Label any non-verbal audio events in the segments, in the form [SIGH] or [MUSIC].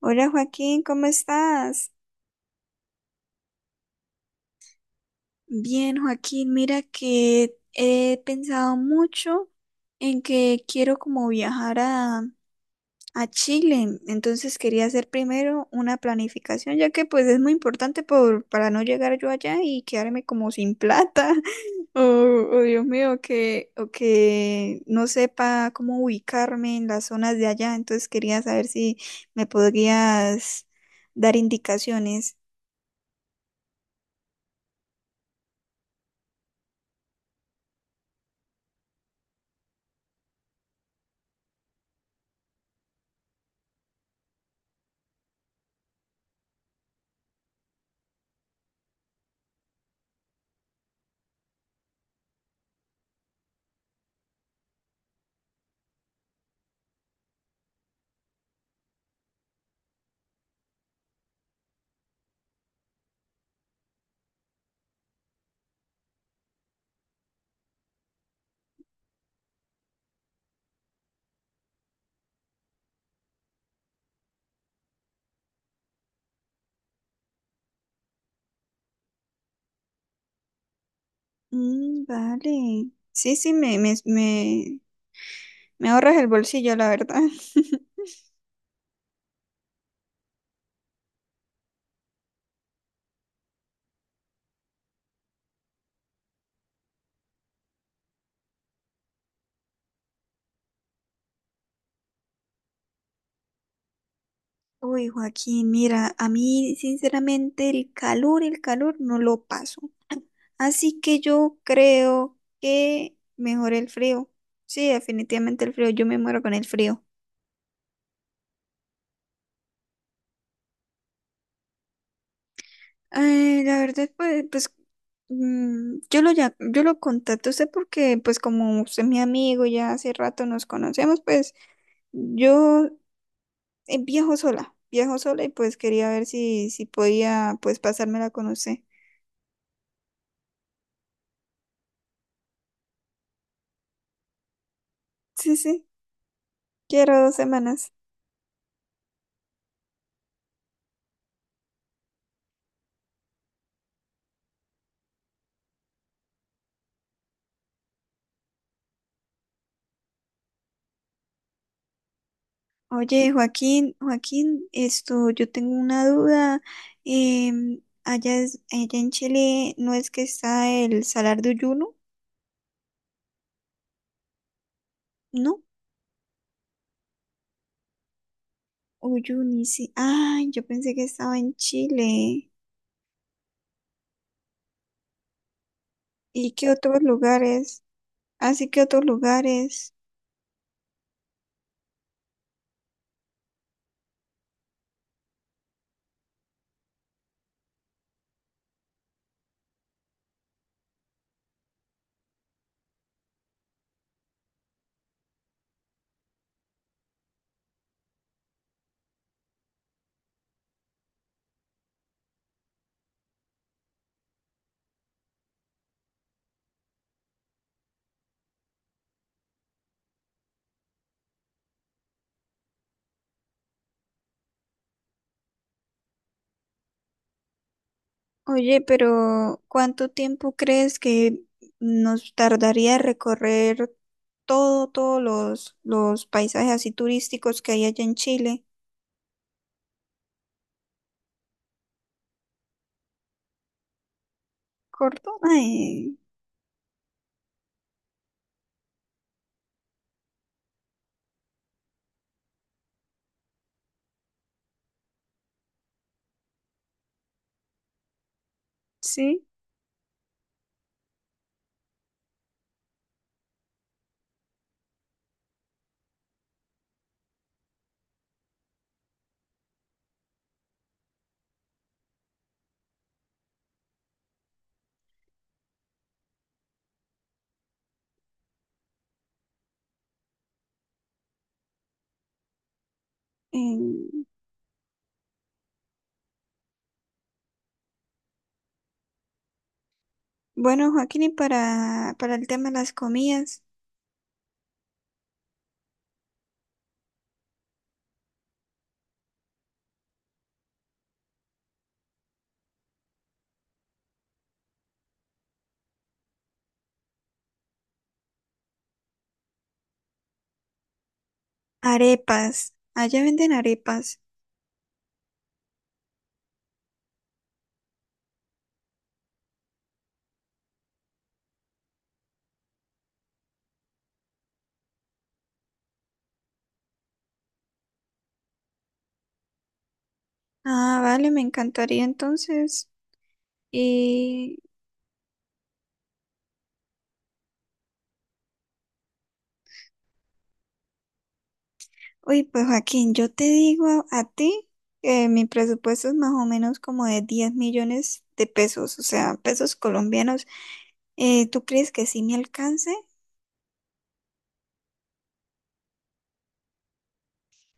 Hola Joaquín, ¿cómo estás? Bien, Joaquín, mira que he pensado mucho en que quiero como viajar a Chile, entonces quería hacer primero una planificación, ya que pues es muy importante para no llegar yo allá y quedarme como sin plata, [LAUGHS] o, o, Dios mío, o que no sepa cómo ubicarme en las zonas de allá, entonces quería saber si me podrías dar indicaciones. Mm, vale. Sí, sí, me ahorras el bolsillo, la verdad. [LAUGHS] Uy, Joaquín, mira, a mí sinceramente el calor no lo paso. Así que yo creo que mejor el frío. Sí, definitivamente el frío, yo me muero con el frío. La verdad, pues yo lo contacto a usted porque pues como usted es mi amigo, ya hace rato nos conocemos, pues yo viajo sola y pues quería ver si podía pues pasármela con usted. Sí, sí, quiero 2 semanas. Oye, Joaquín, Joaquín, esto, yo tengo una duda. Allá, allá en Chile no es que está el Salar de Uyuno, ¿no? Uyuni, sí. Ay, yo pensé que estaba en Chile. ¿Y qué otros lugares? Así que otros lugares. Oye, pero ¿cuánto tiempo crees que nos tardaría recorrer todos los paisajes así turísticos que hay allá en Chile? Córdoba, sí. em, bueno, Joaquín, y para el tema de las comidas, arepas. Allá venden arepas. Ah, vale, me encantaría entonces. Y, Uy, pues Joaquín, yo te digo a ti que mi presupuesto es más o menos como de 10 millones de pesos, o sea, pesos colombianos. ¿Tú crees que sí me alcance?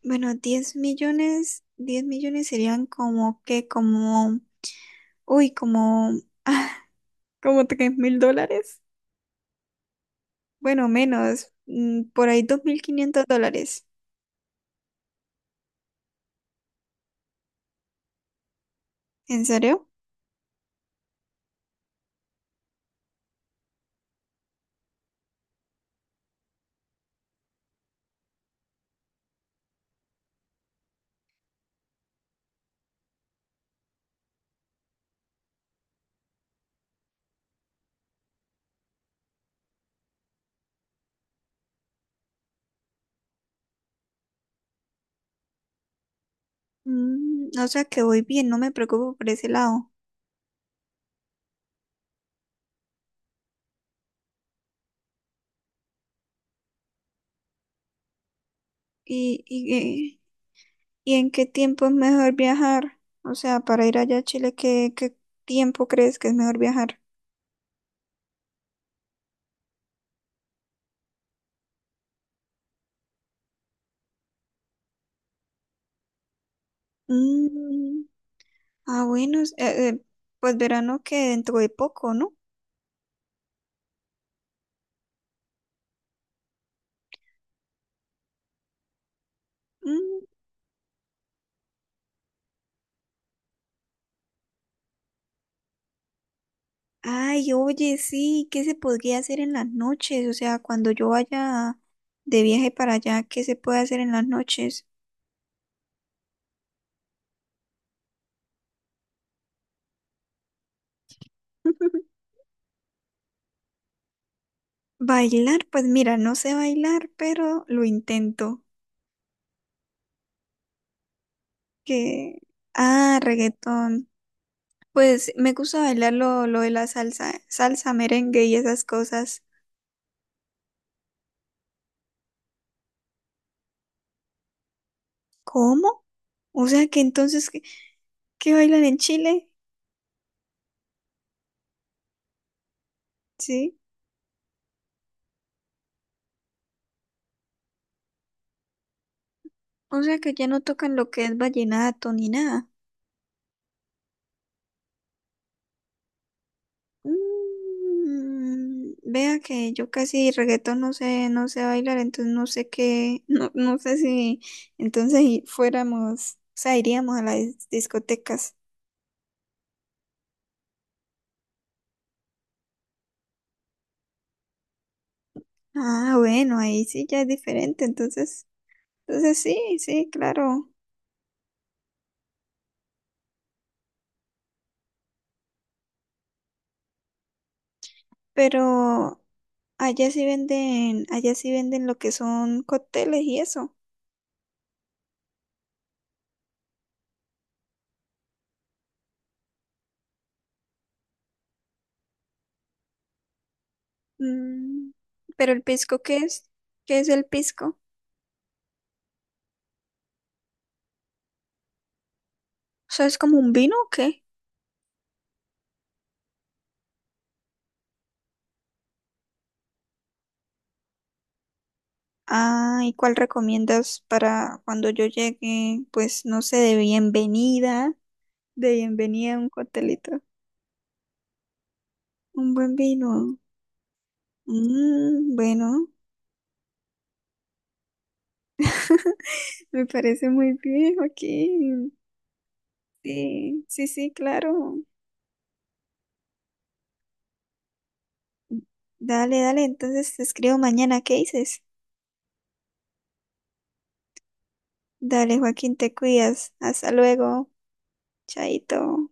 Bueno, 10 millones, 10 millones serían como que, como, uy, como, [LAUGHS] como 3.000 dólares. Bueno, menos, por ahí 2.500 dólares. ¿En serio? Mm, o sea que voy bien, no me preocupo por ese lado. ¿Y, y, y en qué tiempo es mejor viajar? O sea, para ir allá a Chile, ¿qué tiempo crees que es mejor viajar? Mm, ah, bueno, pues verano que dentro de poco, ¿no? Mm, ay, oye, sí, ¿qué se podría hacer en las noches? O sea, cuando yo vaya de viaje para allá, ¿qué se puede hacer en las noches? [LAUGHS] Bailar, pues mira, no sé bailar, pero lo intento. Que, ah, reggaetón. Pues me gusta bailar lo de la salsa, salsa, merengue y esas cosas. ¿Cómo? O sea que entonces, ¿qué bailan en Chile? Sí. O sea que ya no tocan lo que es vallenato ni nada. Mm, vea que yo casi reggaetón no sé, no sé bailar, entonces no sé qué, [LAUGHS] no, no sé si entonces fuéramos, o sea, iríamos a las discotecas. Ah, bueno, ahí sí ya es diferente, entonces, sí, sí, claro, pero allá sí venden lo que son cócteles y eso. Mm, pero el pisco, ¿qué es? ¿Qué es el pisco? O sea, ¿es como un vino o qué? Ah, ¿y cuál recomiendas para cuando yo llegue? Pues no sé, de bienvenida a un coctelito. Un buen vino. Mm, bueno, me parece muy bien, Joaquín. Sí, sí, sí, claro. Dale, dale, entonces te escribo mañana, ¿qué dices? Dale, Joaquín, te cuidas. Hasta luego. Chaito.